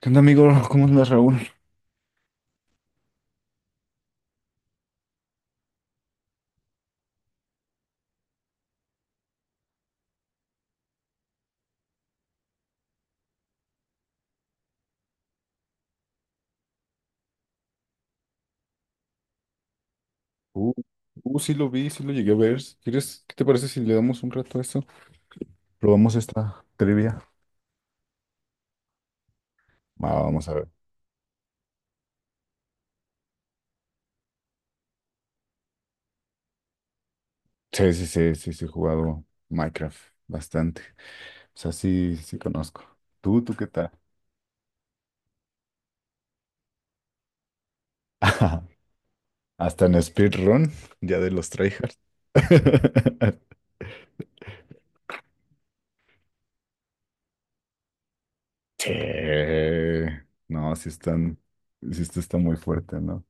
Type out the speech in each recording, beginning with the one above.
¿Qué onda, amigo? ¿Cómo andas, Raúl? Uh, sí lo vi, sí lo llegué a ver. ¿Quieres, qué te parece si le damos un rato a esto? Probamos esta trivia. Va, vamos a ver. Sí, sí, sí, sí, sí, he jugado Minecraft bastante. O sea, sí, sí conozco. ¿Tú qué tal? Hasta en speedrun, ya de los tryhards. Sí. No, sí están, sí esto está muy fuerte, ¿no?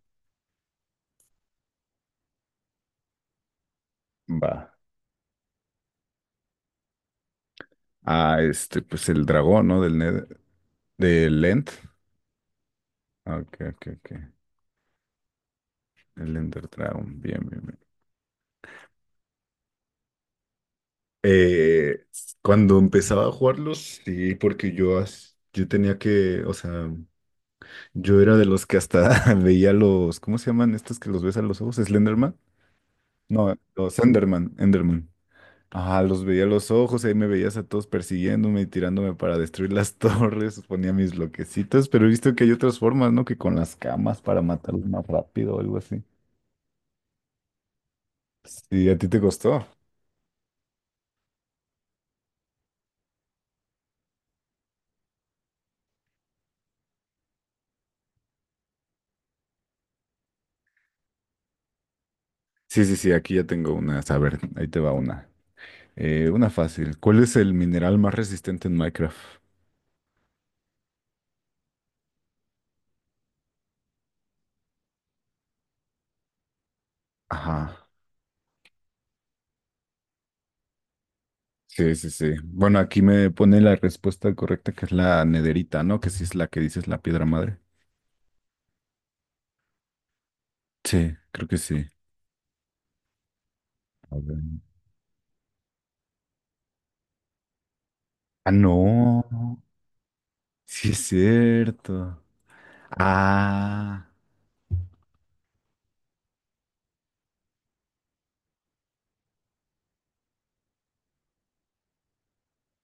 Va. Ah, este, pues el dragón, ¿no? Del End. Ah, ok, ok, ok. El Ender Dragon, bien, bien, bien. Eh, cuando empezaba a jugarlos, sí, porque yo, yo tenía que, o sea, yo era de los que hasta veía los, ¿cómo se llaman estos que los ves a los ojos? ¿Slenderman? No, los Enderman, Enderman. Ah, los veía a los ojos, ahí me veías a todos persiguiéndome y tirándome para destruir las torres, ponía mis bloquecitos, pero he visto que hay otras formas, ¿no? Que con las camas para matarlos más rápido o algo así. Sí, ¿a ti te costó? Sí, sí, sí, aquí ya tengo una. A ver, ahí te va una. Una fácil. ¿Cuál es el mineral más resistente en Minecraft? Ajá. Sí, sí, sí. Bueno, aquí me pone la respuesta correcta, que es la nederita, ¿no? Que sí es la que dices la piedra madre. Sí, creo que sí. A ver. Ah, no. Sí es cierto. Ah,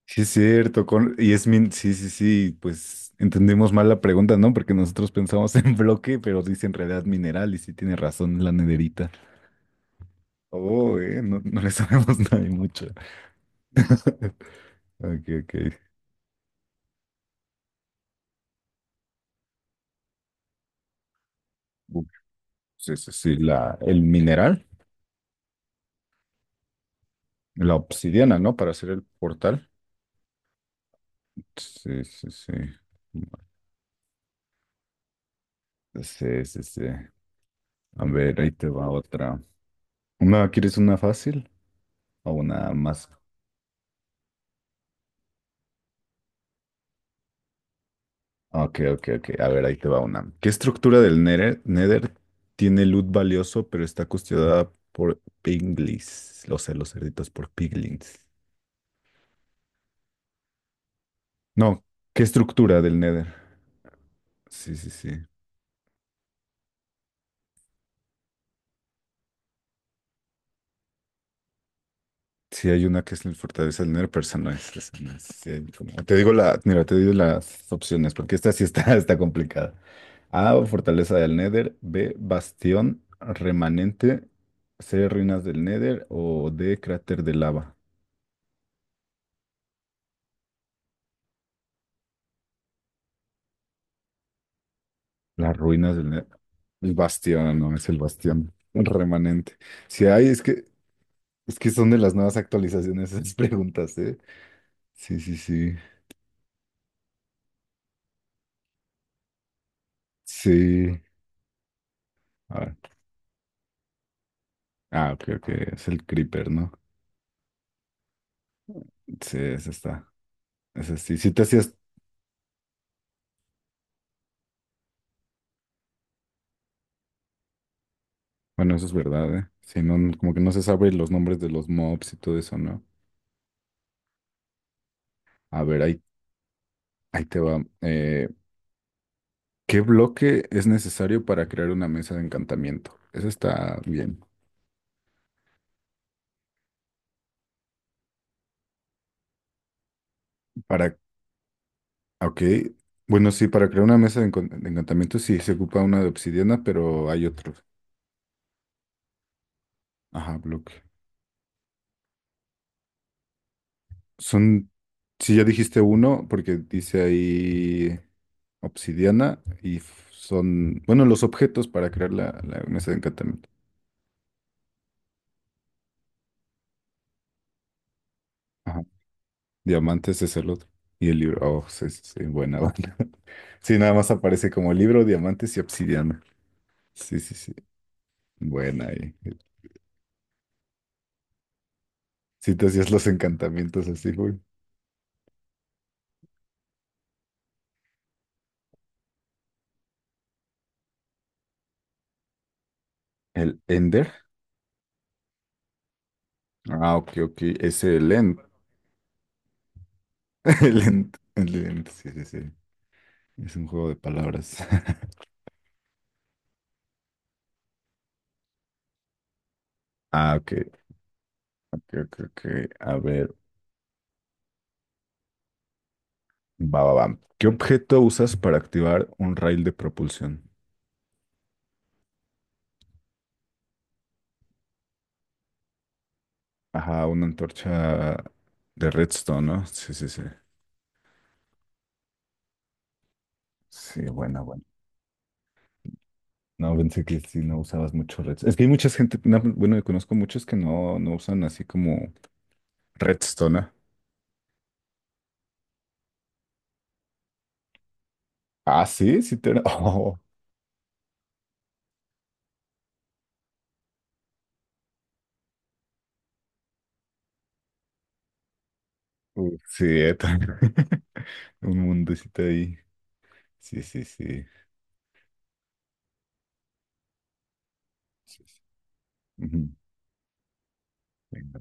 sí es cierto. Con... Y es min... Sí, sí, sí. Pues entendimos mal la pregunta, ¿no? Porque nosotros pensamos en bloque, pero dice en realidad mineral y sí tiene razón la nederita. Oh, no, no le sabemos nada y mucho. Ok, ok. Uf, sí, sí, sí. La, el mineral, la obsidiana, ¿no? Para hacer el portal. Sí, sí, sí. Sí, sí, sí. A ver, ahí te va otra. ¿Una, quieres una fácil o una más? Ok, ok, ok. A ver, ahí te va una. ¿Qué estructura del Nether tiene loot valioso, pero está custodiada por piglins? Lo sé, los cerditos por piglins. No, ¿qué estructura del Nether? Sí, sí, sí. Sí, hay una que es la fortaleza del nero, pero esa no es, esa no es. Sí, te digo la, mira, te digo las opciones, porque esta sí está, está complicada. A, fortaleza del Nether; B, bastión remanente; C, ruinas del Nether; o D, cráter de lava. Las ruinas del Nether. El bastión, no, es el bastión remanente. Si hay, es que son de las nuevas actualizaciones esas preguntas, ¿eh? Sí, sí, sí. Sí. A ver. Ah, creo que es el creeper, ¿no? Sí, esa está. Esa sí. Sí te hacías. Bueno, eso es verdad, ¿eh? Sí, como que no se sabe los nombres de los mobs y todo eso, ¿no? A ver, ahí te va. ¿Qué bloque es necesario para crear una mesa de encantamiento? Eso está bien. Para. Ok. Bueno, sí, para crear una mesa de, de encantamiento sí se ocupa una de obsidiana, pero hay otros. Ajá, bloque. Son, si ya dijiste uno, porque dice ahí obsidiana y son, bueno, los objetos para crear la mesa de encantamiento. Ajá. Diamantes es el otro. Y el libro, oh, sí, sí, sí, buena buena. Sí, nada más aparece como libro, diamantes y obsidiana. Sí, sí, sí. Buena ahí. Sí, te hacías los encantamientos así, güey. El Ender. Ah, ok, ok. Es el End. El End. El End. Sí, sí, sí. Es un juego de palabras. Ah, ok. A ver, va, va, va. ¿Qué objeto usas para activar un rail de propulsión? Ajá, una antorcha de redstone, ¿no? Sí, sí, sí. Sí, bueno, bueno. No, pensé que sí, no usabas mucho redstone. Es que hay mucha gente, no, bueno, conozco muchos que no, no usan así como redstone. ¿Ah? Ah, sí, sí te... Oh, sí, también. Un mundecito ahí. Sí, sí, sí. Sí, sí. Ujú. Venga.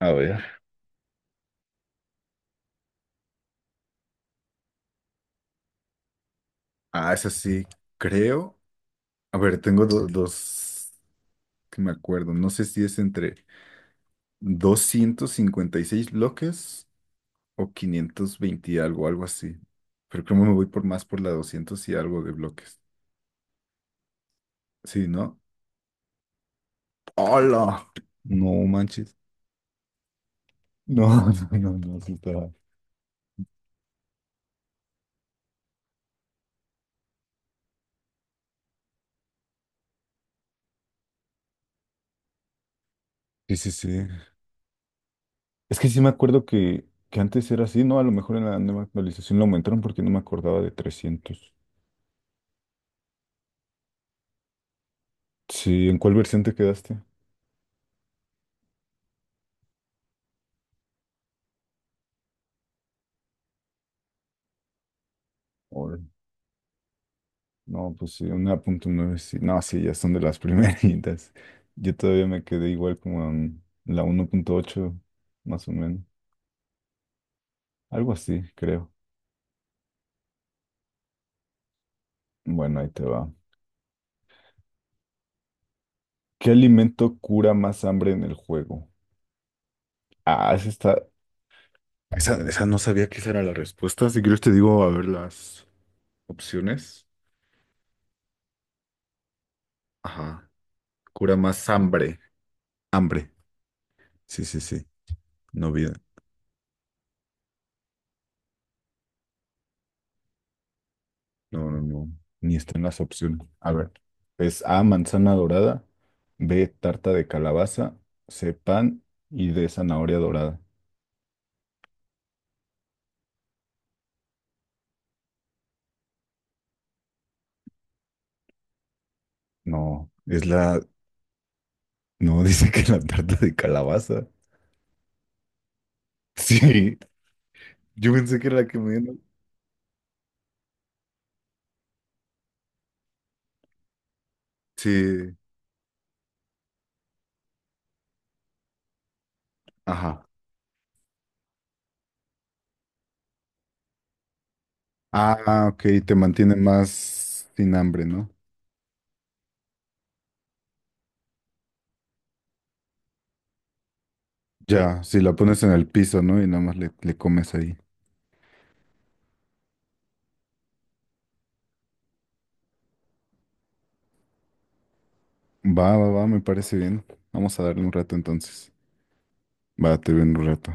A ver. Ah, esa sí, creo. A ver, tengo dos que me acuerdo. No sé si es entre 256 bloques o 520 y algo, algo así. Pero creo que me voy por más por la 200 y algo de bloques. Sí, ¿no? ¡Hola! No manches. No, no, no, no, sí estaba. Sí, sí, sí. Es que sí me acuerdo que antes era así, ¿no? A lo mejor en la nueva actualización lo aumentaron porque no me acordaba de 300. Sí, ¿en cuál versión te quedaste? No, pues sí, 1.9, sí. No, sí, ya son de las primeritas. Yo todavía me quedé igual como en la 1.8 más o menos. Algo así, creo. Bueno, ahí te va. ¿Qué alimento cura más hambre en el juego? Ah, esa está... Esa no sabía que esa era la respuesta. Si quieres te digo, a ver, las opciones. Ajá. Cura más hambre. Hambre. Sí, sí, sí. No vida. No, no, no. Ni están las opciones. A ver. Es A, manzana dorada. B, tarta de calabaza. C, pan. Y D, zanahoria dorada. No, es la... No, dice que la tarta de calabaza. Sí, yo pensé que era la que me dieron. Sí, ajá. Ah, ok, te mantiene más sin hambre, ¿no? Ya, si la pones en el piso, ¿no? Y nada más le comes ahí. Va, va, va, me parece bien. Vamos a darle un rato entonces. Va, te veo en un rato.